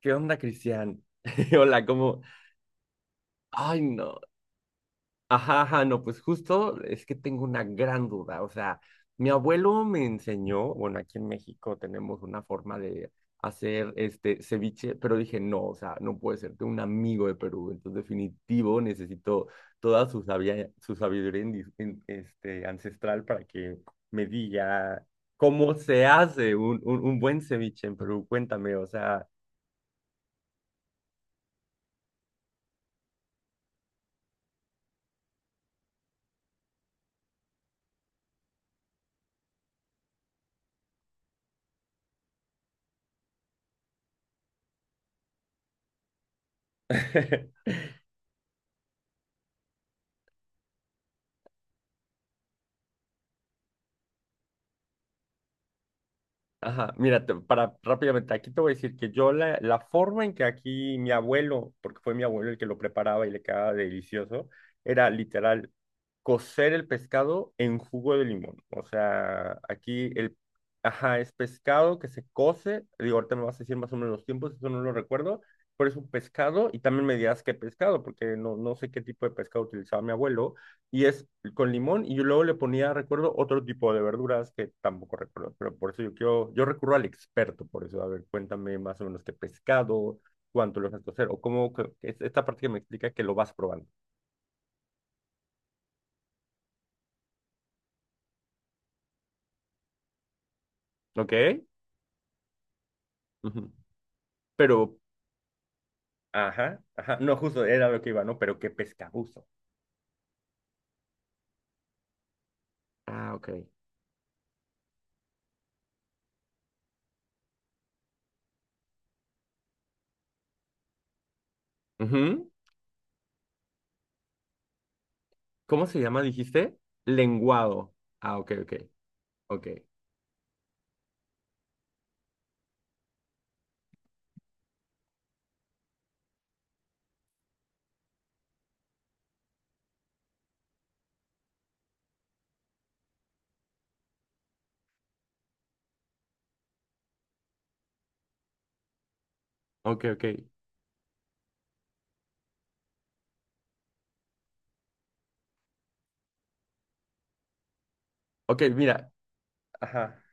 ¿Qué onda, Cristian? Hola, ¿cómo? Ay, no. Ajá, ajá, no, pues justo es que tengo una gran duda. O sea, mi abuelo me enseñó, bueno, aquí en México tenemos una forma de hacer este ceviche, pero dije, no, o sea, no puede ser, tengo un amigo de Perú, entonces definitivo necesito toda su sabiduría este, ancestral para que me diga cómo se hace un buen ceviche en Perú. Cuéntame, o sea. Ajá, mira, para rápidamente, aquí te voy a decir que yo la forma en que aquí mi abuelo, porque fue mi abuelo el que lo preparaba y le quedaba delicioso, era literal cocer el pescado en jugo de limón. O sea, aquí el, ajá, es pescado que se cose, digo, ahorita me vas a decir más o menos los tiempos, eso no lo recuerdo, pero es un pescado y también me dirás qué pescado, porque no, no sé qué tipo de pescado utilizaba mi abuelo, y es con limón y yo luego le ponía, recuerdo, otro tipo de verduras que tampoco recuerdo, pero por eso yo quiero, yo recurro al experto, por eso, a ver, cuéntame más o menos qué pescado, cuánto lo vas a hacer, o cómo, es esta parte que me explica que lo vas probando, ¿ok? Ujú. Pero, ajá, ajá, no, justo era lo que iba, ¿no? Pero qué pescado uso. Ah, ok. Ujú. ¿Cómo se llama, dijiste? Lenguado. Ah, ok, ok, ok, ok, ok, ok, mira, ajá.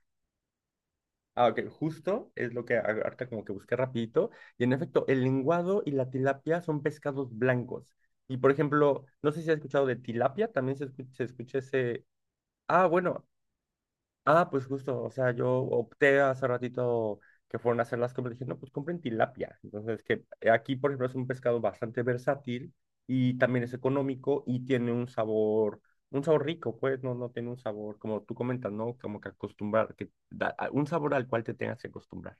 Ah, ok, justo es lo que ahorita como que busqué rapidito. Y en efecto, el lenguado y la tilapia son pescados blancos. Y por ejemplo, no sé si has escuchado de tilapia, también se escucha, ese... Ah, bueno, ah, pues justo, o sea, yo opté hace ratito que fueron a hacer las compras, dije, no, pues compren tilapia. Entonces, que aquí, por ejemplo, es un pescado bastante versátil y también es económico y tiene un sabor rico, pues, no, no tiene un sabor, como tú comentas, ¿no? Como que acostumbrar, un sabor al cual te tengas que acostumbrar.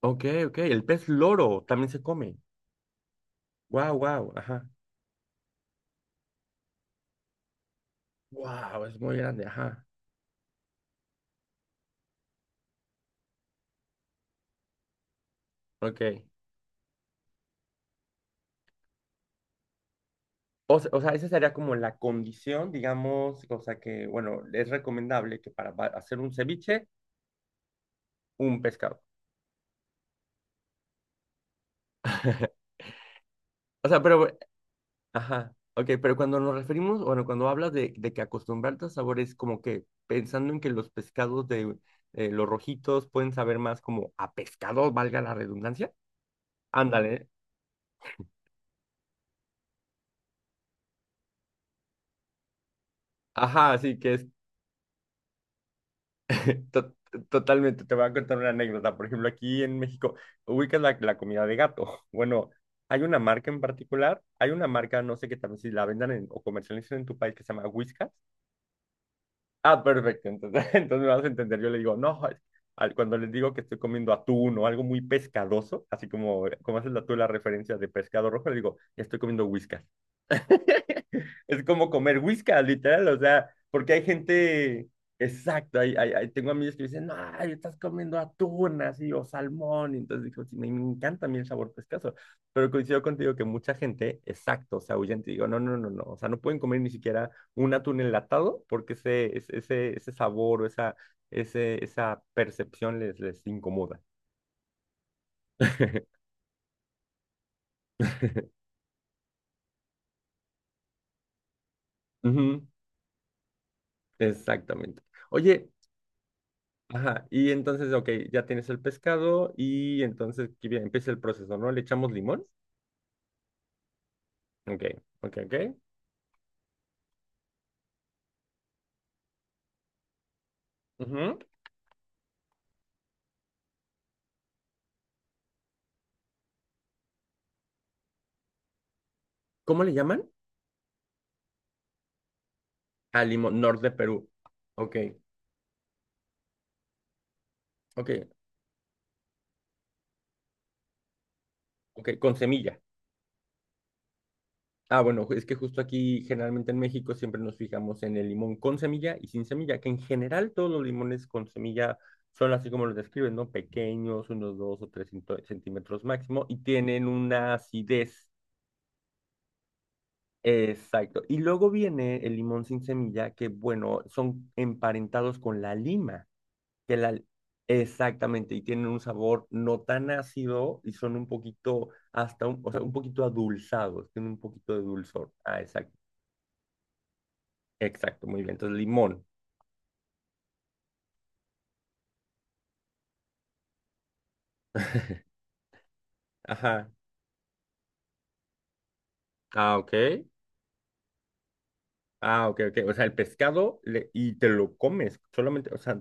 Ok, ok, el pez loro también se come. Wow, wow, ajá. Wow, es muy grande, ajá. Ok. O, o sea, esa sería como la condición, digamos, o sea que, bueno, es recomendable que para hacer un ceviche, un pescado. O sea, pero, ajá, ok, pero cuando nos referimos, bueno, cuando hablas de que acostumbrarte a sabores, como que pensando en que los pescados de los rojitos pueden saber más como a pescado, valga la redundancia. Ándale, ajá, así que es To- totalmente, te voy a contar una anécdota. Por ejemplo, aquí en México, ubicas la, la comida de gato. Bueno, hay una marca en particular, hay una marca, no sé qué también, si la vendan o comercialicen en tu país que se llama Whiskas. Ah, perfecto, entonces, entonces me vas a entender. Yo le digo, no, cuando les digo que estoy comiendo atún o algo muy pescadoso, así como, como haces la, tú la referencia de pescado rojo, le digo, estoy comiendo Whiskas. Es como comer whiskas, literal, o sea, porque hay gente, exacto, hay, tengo amigos que dicen, no, ay, estás comiendo atún así o salmón, y entonces digo, sí, me encanta a mí el sabor pescazo, pero coincido contigo que mucha gente, exacto, o sea, huyen, te digo, no, no, no, no, o sea, no pueden comer ni siquiera un atún enlatado porque ese sabor o esa, ese, esa percepción les, les incomoda. Ujú, exactamente. Oye, ajá, y entonces, ok, ya tienes el pescado y entonces que bien, empieza el proceso, ¿no? Le echamos limón. Ok, ok, ok. Ujú. ¿Cómo le llaman? Al limón, norte de Perú. Ok, ok, ok, con semilla. Ah, bueno, es que justo aquí, generalmente en México, siempre nos fijamos en el limón con semilla y sin semilla, que en general todos los limones con semilla son así como los describen, ¿no? Pequeños, unos dos o tres centímetros máximo, y tienen una acidez. Exacto. Y luego viene el limón sin semilla, que bueno, son emparentados con la lima, que la... Exactamente, y tienen un sabor no tan ácido y son un poquito, hasta un, o sea, un poquito adulzados, tienen un poquito de dulzor. Ah, exacto, exacto, muy bien. Entonces, limón. Ajá. Ah, ok. Ah, ok, ok. O sea, y te lo comes, solamente, o sea,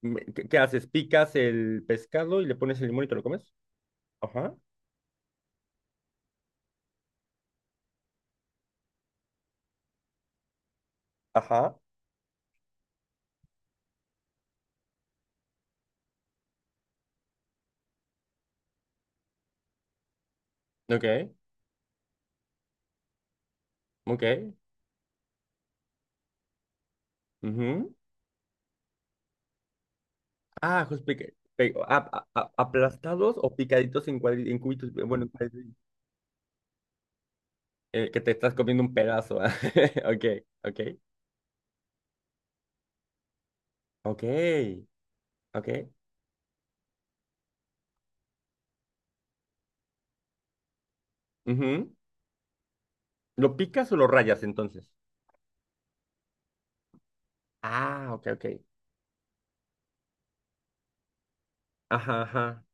¿qué, qué haces? Picas el pescado y le pones el limón y te lo comes. Ajá. Ajá. Ok, ok. Ujú. Ah, ajos pica- pe- a- aplastados o picaditos en, en cubitos, bueno, que te estás comiendo un pedazo. Ah. Ok, ok, ok, ok. Ujú. ¿Lo picas o lo rayas entonces? Ah, ok, ok. Ajá, ajá.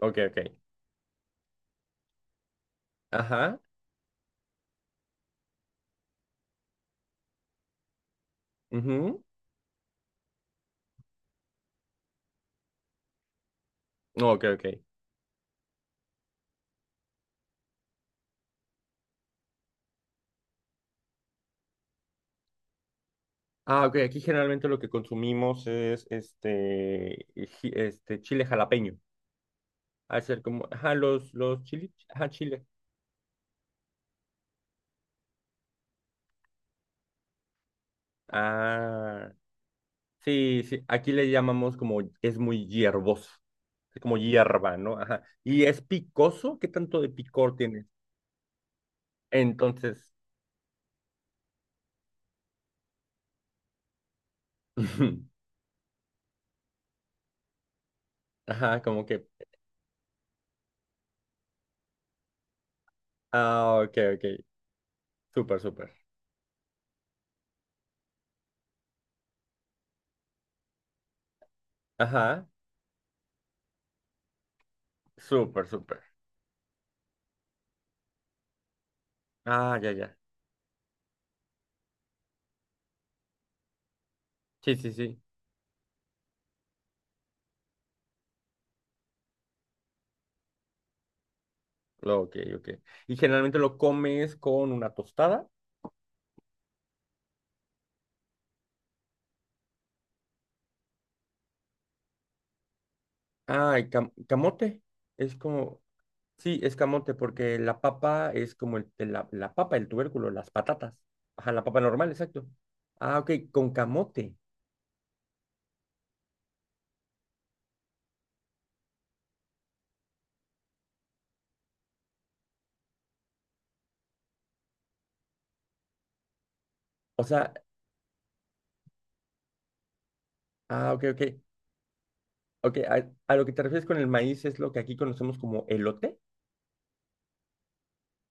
Ok, ok. Ajá. Ujú. No, ok, ok. Ah, ok, aquí generalmente lo que consumimos es este, este chile jalapeño. A ser como, ajá, los chiles, ajá, chile. Ah. Sí, sí, aquí le llamamos como es muy hierboso, es como hierba, ¿no? Ajá. ¿Y es picoso? ¿Qué tanto de picor tiene? Entonces, ajá, como que, ah, ok, ok, súper, súper, ajá, súper, súper, ah, ya, ya, sí, sí, sí, ok, ok. Y generalmente lo comes con una tostada, ah, camote, es como, sí, es camote porque la papa es como la papa, el tubérculo, las patatas. Ajá, la papa normal, exacto. Ah, ok, con camote. O sea, ah, ok, ok. Ok, a lo que te refieres con el maíz es lo que aquí conocemos como elote.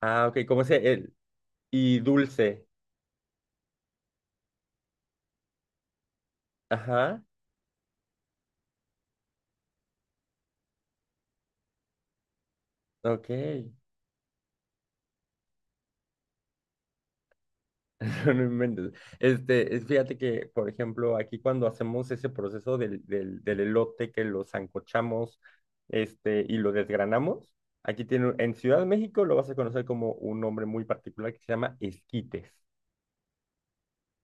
Ah, ok, como ese, el, y dulce. Ajá, ok. No, no inventes. Este, fíjate que, por ejemplo, aquí cuando hacemos ese proceso del elote que lo sancochamos, este, y lo desgranamos, aquí tiene, en Ciudad de México lo vas a conocer como un nombre muy particular que se llama esquites.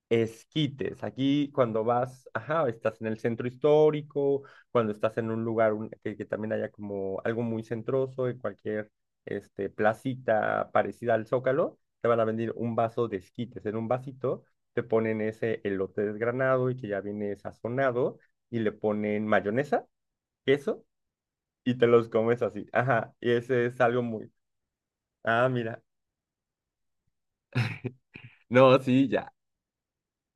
Esquites, aquí cuando vas, ajá, estás en el centro histórico, cuando estás en un lugar que también haya como algo muy centroso, en cualquier este, placita parecida al Zócalo, te van a vender un vaso de esquites. En un vasito te ponen ese elote desgranado y que ya viene sazonado y le ponen mayonesa, queso y te los comes así. Ajá, y ese es algo muy... Ah, mira. No, sí, ya.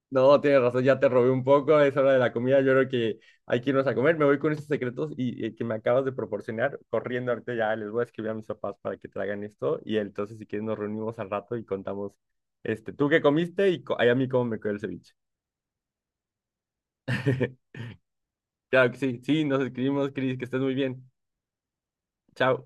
No, tienes razón, ya te robé un poco, es hora de la comida, yo creo que hay que irnos a comer, me voy con esos secretos y, que me acabas de proporcionar, corriendo ahorita ya les voy a escribir a mis papás para que traigan esto y entonces si quieres nos reunimos al rato y contamos, este, tú qué comiste y ay, a mí cómo me quedó el ceviche. Claro que sí, sí, nos escribimos, Cris, que estés muy bien, chao.